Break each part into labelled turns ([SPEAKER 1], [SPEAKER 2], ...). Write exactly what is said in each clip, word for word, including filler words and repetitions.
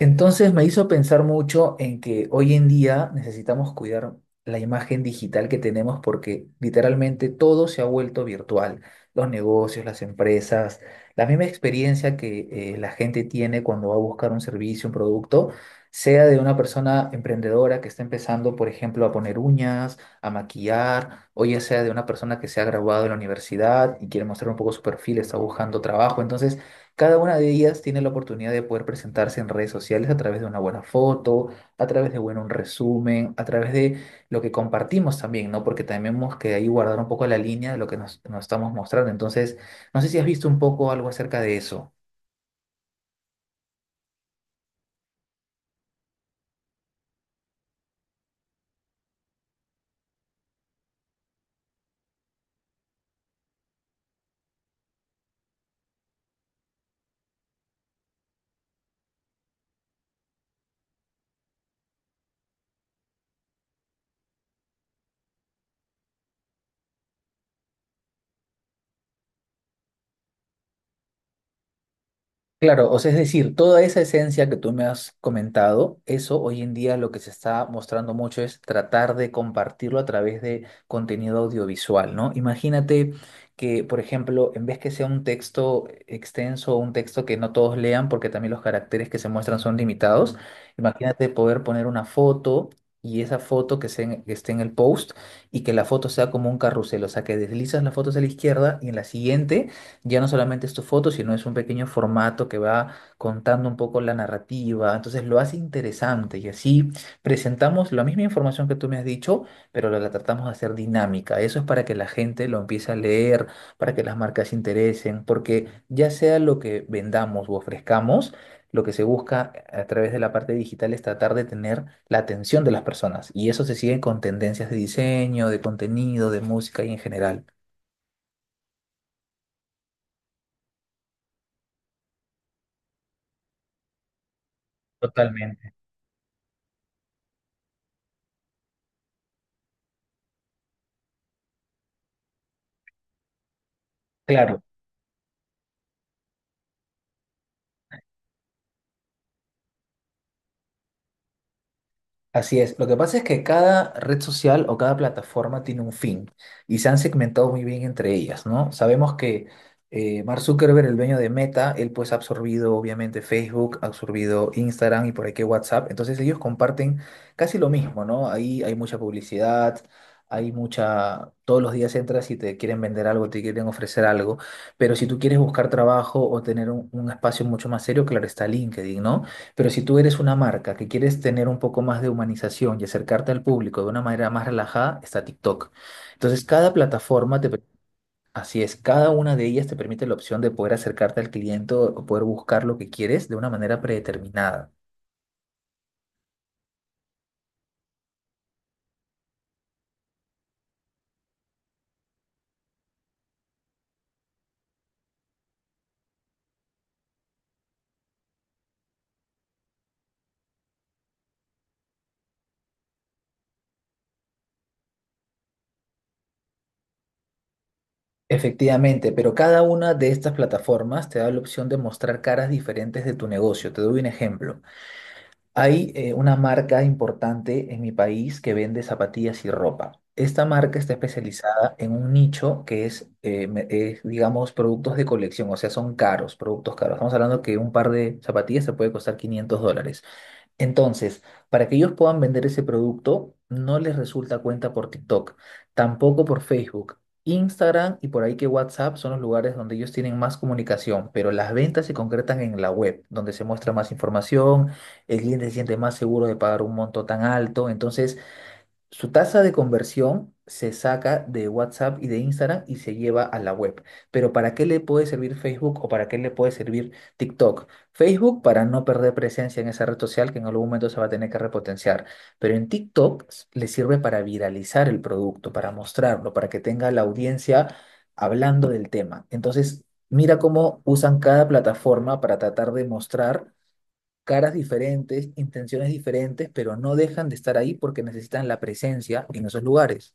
[SPEAKER 1] Entonces me hizo pensar mucho en que hoy en día necesitamos cuidar la imagen digital que tenemos porque literalmente todo se ha vuelto virtual. Los negocios, las empresas, la misma experiencia que eh, la gente tiene cuando va a buscar un servicio, un producto, sea de una persona emprendedora que está empezando, por ejemplo, a poner uñas, a maquillar, o ya sea de una persona que se ha graduado de la universidad y quiere mostrar un poco su perfil, está buscando trabajo. Entonces, cada una de ellas tiene la oportunidad de poder presentarse en redes sociales a través de una buena foto, a través de bueno, un resumen, a través de lo que compartimos también, ¿no? Porque tenemos que ahí guardar un poco la línea de lo que nos, nos estamos mostrando. Entonces, no sé si has visto un poco algo acerca de eso. Claro, o sea, es decir, toda esa esencia que tú me has comentado, eso hoy en día lo que se está mostrando mucho es tratar de compartirlo a través de contenido audiovisual, ¿no? Imagínate que, por ejemplo, en vez que sea un texto extenso o un texto que no todos lean, porque también los caracteres que se muestran son limitados, imagínate poder poner una foto y esa foto que, se en- que esté en el post y que la foto sea como un carrusel, o sea, que deslizas la foto hacia la izquierda y en la siguiente ya no solamente es tu foto, sino es un pequeño formato que va contando un poco la narrativa. Entonces lo hace interesante y así presentamos la misma información que tú me has dicho, pero la, la tratamos de hacer dinámica. Eso es para que la gente lo empiece a leer, para que las marcas se interesen, porque ya sea lo que vendamos u ofrezcamos, lo que se busca a través de la parte digital es tratar de tener la atención de las personas. Y eso se sigue con tendencias de diseño, de contenido, de música y en general. Totalmente. Claro. Así es. Lo que pasa es que cada red social o cada plataforma tiene un fin y se han segmentado muy bien entre ellas, ¿no? Sabemos que eh, Mark Zuckerberg, el dueño de Meta, él pues ha absorbido obviamente Facebook, ha absorbido Instagram y por ahí que WhatsApp. Entonces ellos comparten casi lo mismo, ¿no? Ahí hay mucha publicidad, hay mucha... Todos los días entras y te quieren vender algo, te quieren ofrecer algo, pero si tú quieres buscar trabajo o tener un, un espacio mucho más serio, claro está LinkedIn, ¿no? Pero si tú eres una marca que quieres tener un poco más de humanización y acercarte al público de una manera más relajada, está TikTok. Entonces, cada plataforma te, per- así es, cada una de ellas te permite la opción de poder acercarte al cliente o o poder buscar lo que quieres de una manera predeterminada. Efectivamente, pero cada una de estas plataformas te da la opción de mostrar caras diferentes de tu negocio. Te doy un ejemplo. Hay eh, una marca importante en mi país que vende zapatillas y ropa. Esta marca está especializada en un nicho que es, eh, me- es, digamos, productos de colección, o sea, son caros, productos caros. Estamos hablando que un par de zapatillas se puede costar quinientos dólares. Entonces, para que ellos puedan vender ese producto, no les resulta cuenta por TikTok, tampoco por Facebook. Instagram y por ahí que WhatsApp son los lugares donde ellos tienen más comunicación, pero las ventas se concretan en la web, donde se muestra más información, el cliente se siente más seguro de pagar un monto tan alto. Entonces, su tasa de conversión se saca de WhatsApp y de Instagram y se lleva a la web. Pero ¿para qué le puede servir Facebook o para qué le puede servir TikTok? Facebook para no perder presencia en esa red social que en algún momento se va a tener que repotenciar. Pero en TikTok s- le sirve para viralizar el producto, para mostrarlo, para que tenga la audiencia hablando del tema. Entonces, mira cómo usan cada plataforma para tratar de mostrar caras diferentes, intenciones diferentes, pero no dejan de estar ahí porque necesitan la presencia en esos lugares.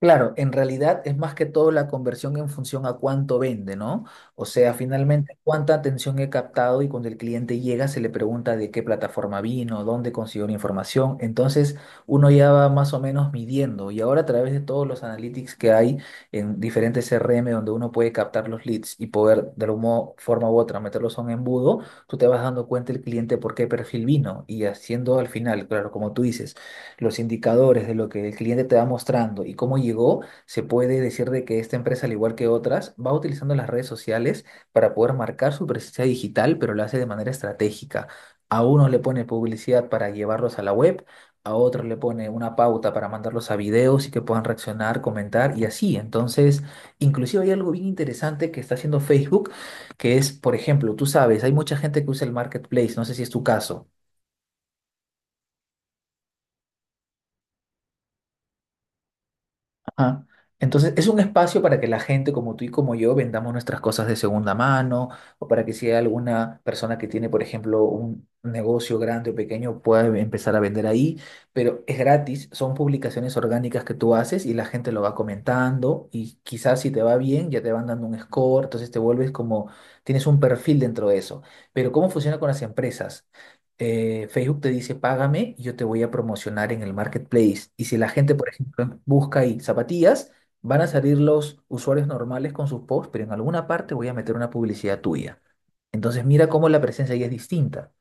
[SPEAKER 1] Claro, en realidad es más que todo la conversión en función a cuánto vende, ¿no? O sea, finalmente cuánta atención he captado y cuando el cliente llega se le pregunta de qué plataforma vino, dónde consiguió la información. Entonces uno ya va más o menos midiendo y ahora a través de todos los analytics que hay en diferentes C R M donde uno puede captar los leads y poder de alguna forma u otra meterlos a un embudo, tú te vas dando cuenta el cliente por qué perfil vino y haciendo al final, claro, como tú dices los indicadores de lo que el cliente te va mostrando y cómo llegó, se puede decir de que esta empresa, al igual que otras, va utilizando las redes sociales para poder marcar su presencia digital, pero lo hace de manera estratégica. A uno le pone publicidad para llevarlos a la web, a otros le pone una pauta para mandarlos a videos y que puedan reaccionar, comentar y así. Entonces, inclusive hay algo bien interesante que está haciendo Facebook, que es, por ejemplo, tú sabes, hay mucha gente que usa el marketplace, no sé si es tu caso. Ajá. Entonces, es un espacio para que la gente como tú y como yo vendamos nuestras cosas de segunda mano o para que si hay alguna persona que tiene, por ejemplo, un negocio grande o pequeño, pueda em- empezar a vender ahí, pero es gratis, son publicaciones orgánicas que tú haces y la gente lo va comentando y quizás si te va bien ya te van dando un score, entonces te vuelves como, tienes un perfil dentro de eso. Pero ¿cómo funciona con las empresas? eh, Facebook te dice, págame, yo te voy a promocionar en el marketplace. Y si la gente, por ejemplo, busca ahí zapatillas, van a salir los usuarios normales con sus posts, pero en alguna parte voy a meter una publicidad tuya. Entonces mira cómo la presencia ahí es distinta.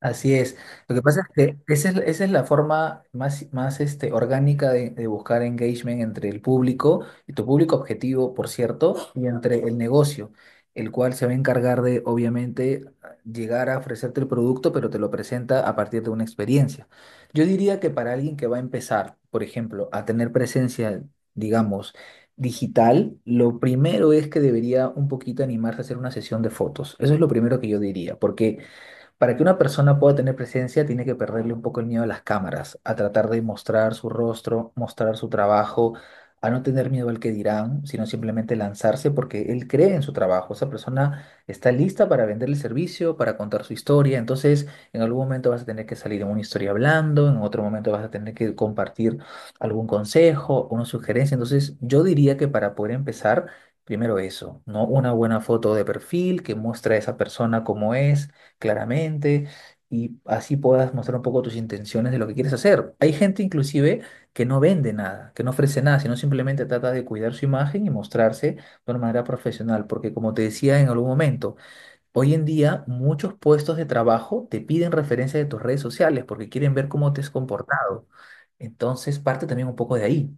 [SPEAKER 1] Así es. Lo que pasa es que esa es, esa es la forma más, más este, orgánica de, de buscar engagement entre el público, y tu público objetivo, por cierto, y entre el negocio, el cual se va a encargar de, obviamente, llegar a ofrecerte el producto, pero te lo presenta a partir de una experiencia. Yo diría que para alguien que va a empezar, por ejemplo, a tener presencia, digamos, digital, lo primero es que debería un poquito animarse a hacer una sesión de fotos. Eso es lo primero que yo diría, porque... Para que una persona pueda tener presencia, tiene que perderle un poco el miedo a las cámaras, a tratar de mostrar su rostro, mostrar su trabajo, a no tener miedo al que dirán, sino simplemente lanzarse porque él cree en su trabajo. Esa persona está lista para vender el servicio, para contar su historia. Entonces, en algún momento vas a tener que salir en una historia hablando, en otro momento vas a tener que compartir algún consejo, una sugerencia. Entonces, yo diría que para poder empezar, primero eso, ¿no? Una buena foto de perfil que muestra a esa persona como es claramente y así puedas mostrar un poco tus intenciones de lo que quieres hacer. Hay gente inclusive que no vende nada, que no ofrece nada, sino simplemente trata de cuidar su imagen y mostrarse de una manera profesional, porque como te decía en algún momento, hoy en día muchos puestos de trabajo te piden referencia de tus redes sociales porque quieren ver cómo te has comportado. Entonces parte también un poco de ahí.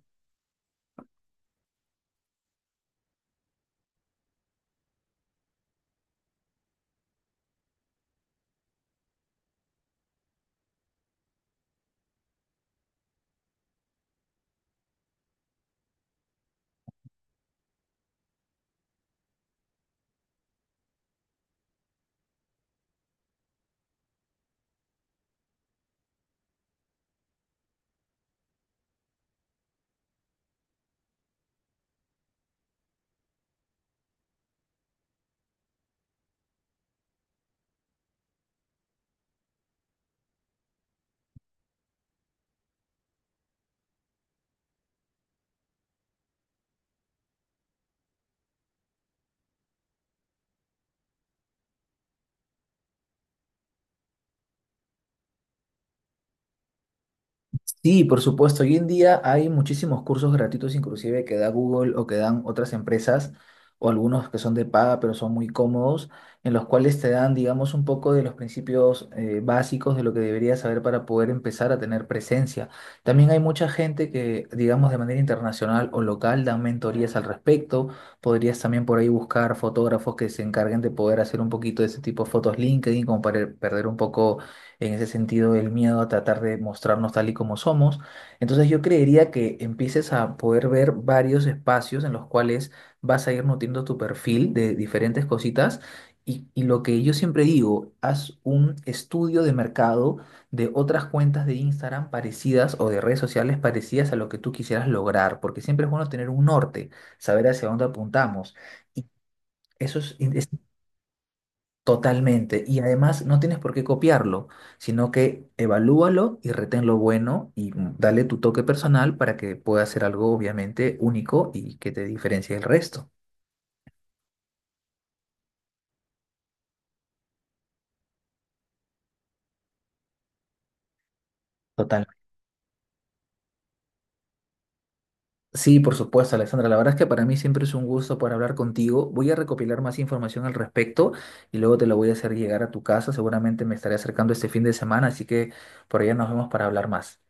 [SPEAKER 1] Sí, por supuesto. Hoy en día hay muchísimos cursos gratuitos, inclusive que da Google o que dan otras empresas, o algunos que son de paga, pero son muy cómodos, en los cuales te dan, digamos, un poco de los principios eh, básicos de lo que deberías saber para poder empezar a tener presencia. También hay mucha gente que, digamos, de manera internacional o local dan mentorías al respecto. Podrías también por ahí buscar fotógrafos que se encarguen de poder hacer un poquito de ese tipo de fotos LinkedIn, como para perder un poco en ese sentido el miedo a tratar de mostrarnos tal y como somos. Entonces yo creería que empieces a poder ver varios espacios en los cuales vas a ir nutriendo tu perfil de diferentes cositas. Y, y lo que yo siempre digo, haz un estudio de mercado de otras cuentas de Instagram parecidas o de redes sociales parecidas a lo que tú quisieras lograr, porque siempre es bueno tener un norte, saber hacia dónde apuntamos. Y eso es, Totalmente. Y además no tienes por qué copiarlo, sino que evalúalo y retén lo bueno y mm, dale tu toque personal para que pueda ser algo obviamente único y que te diferencie del resto. Total. Sí, por supuesto, Alexandra. La verdad es que para mí siempre es un gusto poder hablar contigo. Voy a recopilar más información al respecto y luego te lo voy a hacer llegar a tu casa. Seguramente me estaré acercando este fin de semana, así que por allá nos vemos para hablar más.